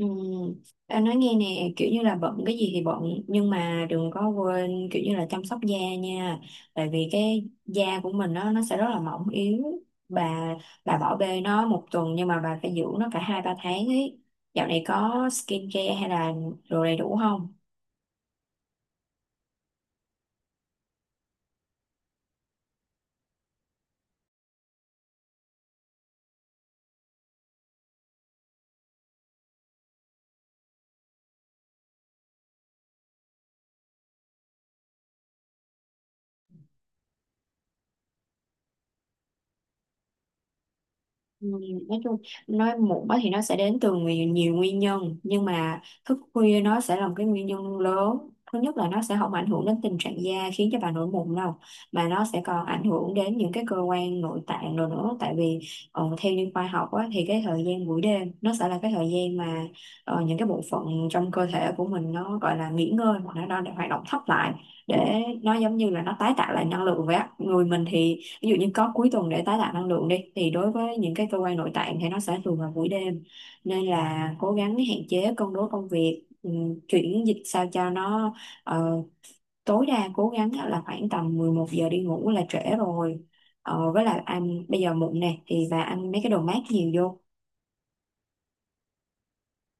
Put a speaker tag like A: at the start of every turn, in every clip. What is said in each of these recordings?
A: Ừ. Em nói nghe nè, kiểu như là bận cái gì thì bận, nhưng mà đừng có quên kiểu như là chăm sóc da nha. Tại vì cái da của mình nó sẽ rất là mỏng yếu. bà bà bỏ bê nó một tuần nhưng mà bà phải dưỡng nó cả hai ba tháng ấy. Dạo này có skin care hay là đồ đầy đủ không? Ừ, nói chung, nói muộn á thì nó sẽ đến từ nhiều nguyên nhân, nhưng mà thức khuya nó sẽ là một cái nguyên nhân lớn. Thứ nhất là nó sẽ không ảnh hưởng đến tình trạng da khiến cho bà nổi mụn đâu, mà nó sẽ còn ảnh hưởng đến những cái cơ quan nội tạng rồi nữa. Tại vì theo như khoa học á, thì cái thời gian buổi đêm nó sẽ là cái thời gian mà những cái bộ phận trong cơ thể của mình nó gọi là nghỉ ngơi, hoặc là nó đang hoạt động thấp lại, để nó giống như là nó tái tạo lại năng lượng vậy á. Người mình thì ví dụ như có cuối tuần để tái tạo năng lượng đi, thì đối với những cái cơ quan nội tạng thì nó sẽ thường là buổi đêm. Nên là cố gắng hạn chế, cân đối công việc, chuyển dịch sao cho nó ờ, tối đa cố gắng là khoảng tầm 11 giờ đi ngủ là trễ rồi. Ờ, với lại ăn bây giờ muộn nè thì bà ăn mấy cái đồ mát nhiều vô.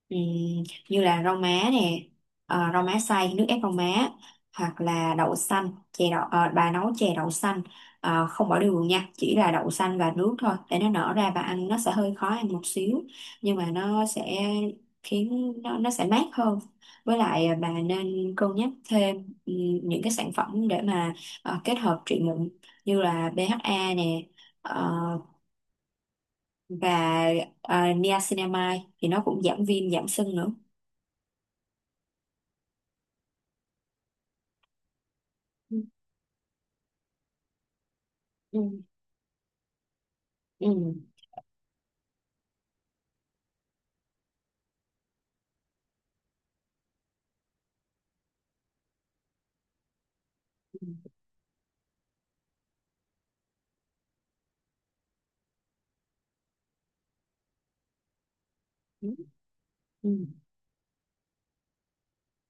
A: Ừm, Như là rau má nè, rau má xay, nước ép rau má, hoặc là đậu xanh, chè đậu, bà nấu chè đậu xanh, không bỏ đường nha, chỉ là đậu xanh và nước thôi để nó nở ra, và ăn nó sẽ hơi khó ăn một xíu, nhưng mà nó sẽ khiến nó sẽ mát hơn. Với lại bà nên cân nhắc thêm ừm, những cái sản phẩm để mà kết hợp trị mụn, như là BHA nè, ờ, và niacinamide, thì nó cũng giảm viêm giảm sưng nữa. Ừ. Ừ. Ừ. Ừ. Ừ.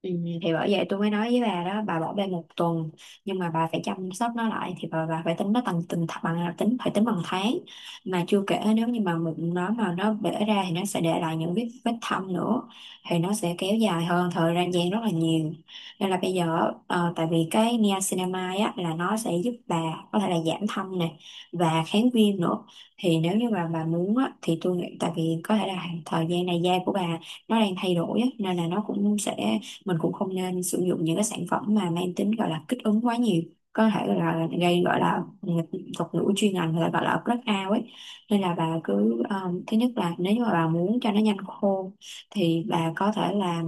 A: Ừ. Thì bởi vậy tôi mới nói với bà đó, bà bỏ bê một tuần nhưng mà bà phải chăm sóc nó lại, thì bà phải tính nó bằng từng th- bằng à, tính phải tính bằng tháng. Mà chưa kể nếu như mà mụn nó mà nó bể ra thì nó sẽ để lại những vết vết thâm nữa, thì nó sẽ kéo dài hơn thời gian gian rất là nhiều. Nên là bây giờ, tại vì cái niacinamide á là nó sẽ giúp bà có thể là giảm thâm nè, và kháng viêm nữa. Thì nếu như mà bà muốn á thì tôi nghĩ, tại vì có thể là thời gian này da của bà nó đang thay đổi á, nên là nó cũng sẽ, mình cũng không nên sử dụng những cái sản phẩm mà mang tính gọi là kích ứng quá nhiều, có thể gọi là gây, gọi là thuật ngữ chuyên ngành là gọi là blackout ấy. Nên là bà cứ thứ nhất là nếu như mà bà muốn cho nó nhanh khô thì bà có thể là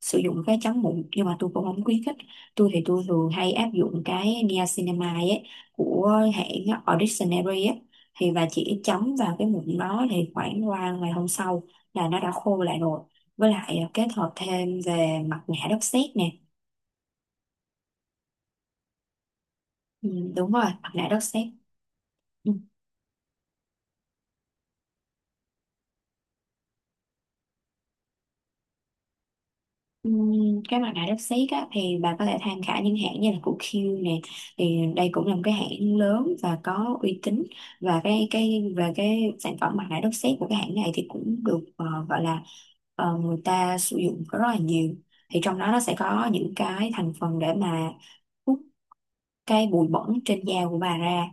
A: sử dụng cái chắn mụn, nhưng mà tôi cũng không khuyến khích. Tôi thường hay áp dụng cái niacinamide ấy của hãng Ordinary ấy, thì bà chỉ chấm vào cái mụn đó thì khoảng qua ngày hôm sau là nó đã khô lại rồi. Với lại kết hợp thêm về mặt nạ đất sét nè. Ừ, Đúng rồi, mặt nạ đất sét. Ừ. Ừ, cái mặt nạ đất sét á, thì bà có thể tham khảo những hãng như là của Q nè, thì đây cũng là một cái hãng lớn và có uy tín. Và cái về cái sản phẩm mặt nạ đất sét của cái hãng này thì cũng được, gọi là, người ta sử dụng rất là nhiều. Thì trong đó nó sẽ có những cái thành phần để mà hút cái bụi bẩn trên da của bà ra.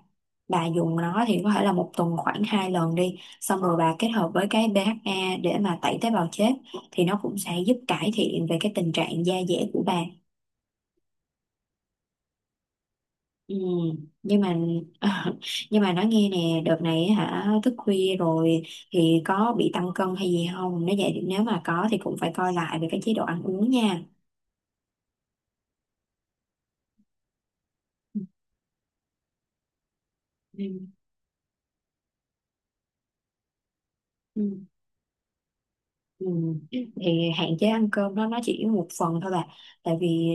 A: Bà dùng nó thì có thể là một tuần khoảng hai lần đi, xong rồi bà kết hợp với cái BHA để mà tẩy tế bào chết, thì nó cũng sẽ giúp cải thiện về cái tình trạng da dẻ của bà. Ừ. Nhưng mà nhưng mà nói nghe nè, đợt này á hả, thức khuya rồi thì có bị tăng cân hay gì không? Nếu vậy, nếu mà có thì cũng phải coi lại về cái chế độ ăn uống nha. Ừ. Ừ. Ừ. Thì hạn chế ăn cơm đó, nó chỉ một phần thôi bà. Tại vì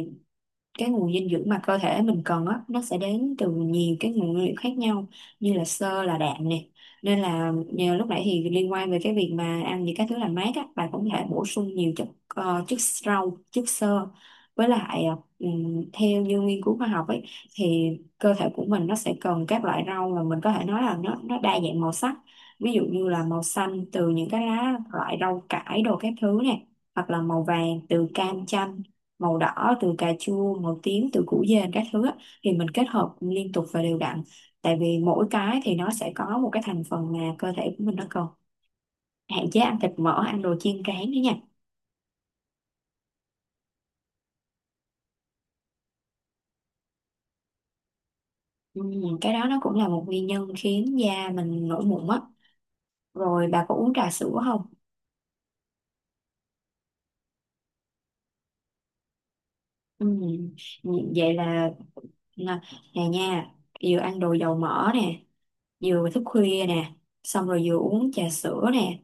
A: cái nguồn dinh dưỡng mà cơ thể mình cần á, nó sẽ đến từ nhiều cái nguồn nguyên liệu khác nhau, như là xơ, là đạm nè. Nên là nhờ lúc nãy thì liên quan về cái việc mà ăn những cái thứ làm mát á, bạn cũng có thể bổ sung nhiều chất, chất rau, chất xơ. Với lại theo như nghiên cứu khoa học ấy, thì cơ thể của mình nó sẽ cần các loại rau mà mình có thể nói là nó đa dạng màu sắc. Ví dụ như là màu xanh từ những cái lá, loại rau cải đồ các thứ nè, hoặc là màu vàng từ cam chanh, màu đỏ từ cà chua, màu tím từ củ dền các thứ á, thì mình kết hợp liên tục và đều đặn. Tại vì mỗi cái thì nó sẽ có một cái thành phần mà cơ thể của mình nó cần. Hạn chế ăn thịt mỡ, ăn đồ chiên rán nữa nha. ừ, cái đó nó cũng là một nguyên nhân khiến da mình nổi mụn á. Rồi bà có uống trà sữa không? ừ, Vậy là, nè, nè nha, vừa ăn đồ dầu mỡ nè, vừa thức khuya nè, xong rồi vừa uống trà sữa nè,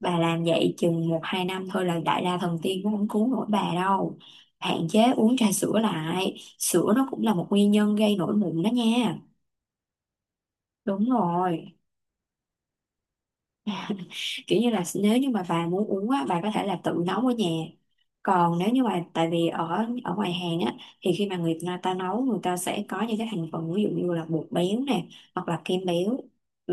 A: bà làm vậy chừng một hai năm thôi là đại la thần tiên cũng không cứu nổi bà đâu. Hạn chế uống trà sữa lại, sữa nó cũng là một nguyên nhân gây nổi mụn đó nha. Đúng rồi, kiểu như là nếu như mà bà muốn uống á, bà có thể là tự nấu ở nhà. Còn nếu như mà, tại vì ở ở ngoài hàng á, thì khi mà người ta nấu, người ta sẽ có những cái thành phần, ví dụ như là bột béo nè, hoặc là kem béo,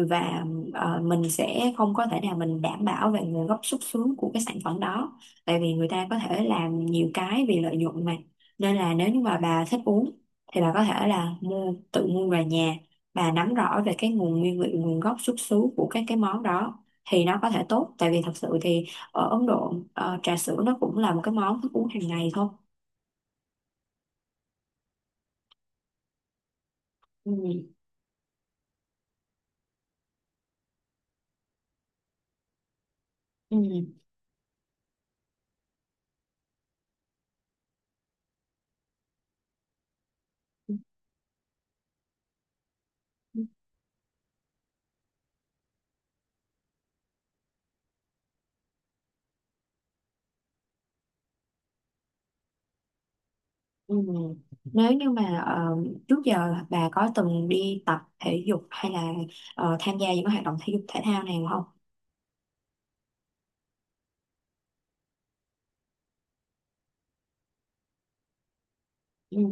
A: và mình sẽ không có thể nào mình đảm bảo về nguồn gốc xuất xứ của cái sản phẩm đó. Tại vì người ta có thể làm nhiều cái vì lợi nhuận mà. Nên là nếu như mà bà thích uống thì bà có thể là tự mua về nhà, bà nắm rõ về cái nguồn nguyên liệu, nguồn gốc xuất xứ của các cái món đó, thì nó có thể tốt. Tại vì thật sự thì ở Ấn Độ, trà sữa nó cũng là một cái món thức uống hàng ngày thôi. Ừ. Ừ. Ừ. Nếu như mà trước giờ bà có từng đi tập thể dục hay là tham gia những cái hoạt động thể dục thể thao nào không? Ừ.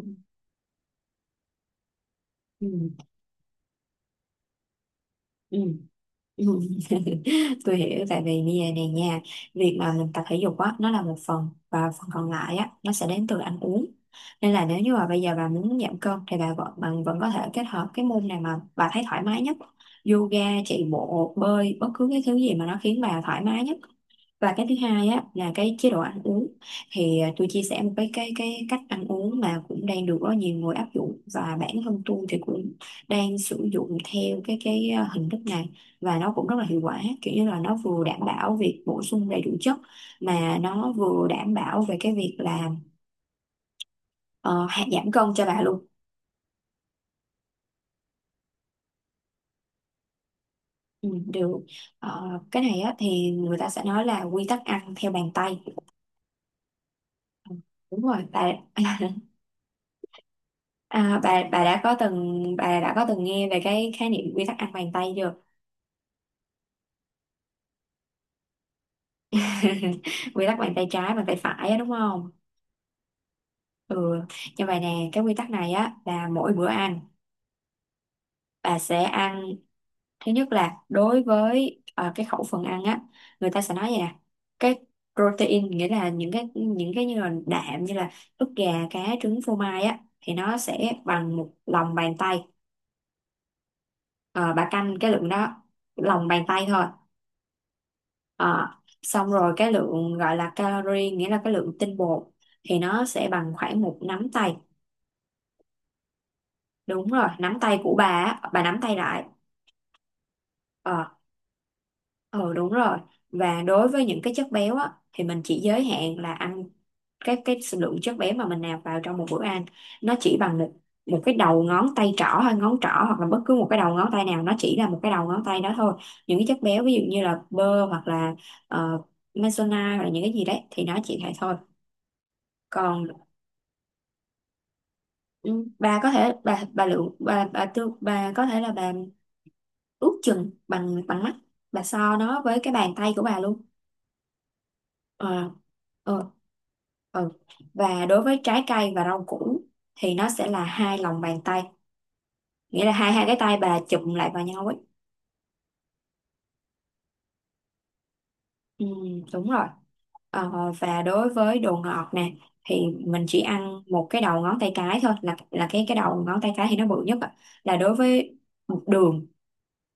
A: Ừ. Ừ. Ừ. Tôi hiểu, tại vì bây giờ này nha, việc mà mình tập thể dục á nó là một phần, và phần còn lại á nó sẽ đến từ ăn uống. Nên là nếu như mà bây giờ bà muốn giảm cân thì bà vẫn bạn vẫn có thể kết hợp cái môn này mà bà thấy thoải mái nhất, yoga, chạy bộ, bơi, bất cứ cái thứ gì mà nó khiến bà thoải mái nhất. Và cái thứ hai á là cái chế độ ăn uống. Thì tôi chia sẻ một cái cách ăn uống mà cũng đang được rất nhiều người áp dụng, và bản thân tôi thì cũng đang sử dụng theo hình thức này, và nó cũng rất là hiệu quả. Kiểu như là nó vừa đảm bảo việc bổ sung đầy đủ chất, mà nó vừa đảm bảo về cái việc là ờ, hạ giảm cân cho bà luôn. Ừ, Được. Ờ, cái này á, thì người ta sẽ nói là quy tắc ăn theo bàn tay. Đúng rồi bà. Bà đã có từng, bà đã có từng nghe về cái khái niệm quy tắc ăn bàn tay chưa? Quy tắc bàn tay trái, bàn tay phải á, đúng không? Ừ. Như vậy nè, cái quy tắc này á là mỗi bữa ăn bà sẽ ăn, thứ nhất là đối với cái khẩu phần ăn á, người ta sẽ nói vậy nè, cái protein, nghĩa là những cái, những cái như là đạm, như là ức gà, cá, trứng, phô mai á, thì nó sẽ bằng một lòng bàn tay. Ờ, bà canh cái lượng đó, lòng bàn tay thôi. Ờ, xong rồi cái lượng gọi là calorie, nghĩa là cái lượng tinh bột, thì nó sẽ bằng khoảng một nắm tay. Đúng rồi, nắm tay của bà á, bà nắm tay lại. Ờ, ừ đúng rồi. Và đối với những cái chất béo á thì mình chỉ giới hạn là ăn cái lượng chất béo mà mình nạp vào trong một bữa ăn, nó chỉ bằng một cái đầu ngón tay trỏ, hay ngón trỏ, hoặc là bất cứ một cái đầu ngón tay nào, nó chỉ là một cái đầu ngón tay đó thôi. Những cái chất béo ví dụ như là bơ, hoặc là uh, maizena, hoặc là những cái gì đấy, thì nó chỉ vậy thôi. còn ừ, bà có thể bà lượng bà tương bà có thể là bà ước chừng bằng bằng mắt, bà so nó với cái bàn tay của bà luôn. Ờ, ờ, ờ. Và đối với trái cây và rau củ thì nó sẽ là hai lòng bàn tay, nghĩa là hai hai cái tay bà chụm lại vào nhau ấy. Ừ, đúng rồi. Ờ, và đối với đồ ngọt nè, thì mình chỉ ăn một cái đầu ngón tay cái thôi, là cái đầu ngón tay cái thì nó bự nhất ạ. Là đối với đường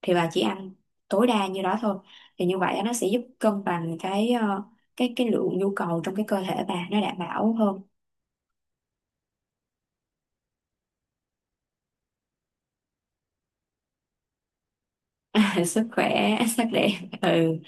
A: thì bà chỉ ăn tối đa như đó thôi. Thì như vậy á, nó sẽ giúp cân bằng cái, cái lượng nhu cầu trong cái cơ thể bà nó đảm bảo hơn. Sức khỏe, sắc đẹp. Ừ.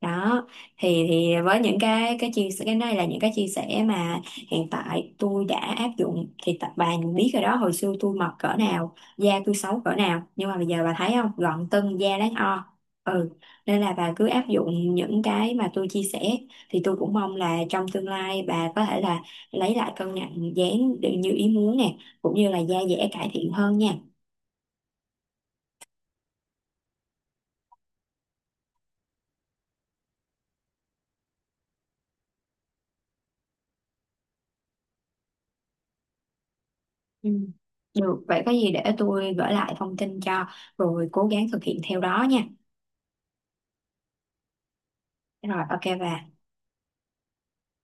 A: Đó, thì với những cái chia sẻ cái này, là những cái chia sẻ mà hiện tại tôi đã áp dụng. Thì tập bà biết rồi đó, hồi xưa tôi mập cỡ nào, da tôi xấu cỡ nào, nhưng mà bây giờ bà thấy không, gọn tưng, da đáng o. Ừ. Nên là bà cứ áp dụng những cái mà tôi chia sẻ, thì tôi cũng mong là trong tương lai bà có thể là lấy lại cân nặng, dáng được như ý muốn nè, cũng như là da dẻ cải thiện hơn nha. Ừ. Được, vậy có gì để tôi gửi lại thông tin cho, rồi cố gắng thực hiện theo đó nha. Rồi, ok về.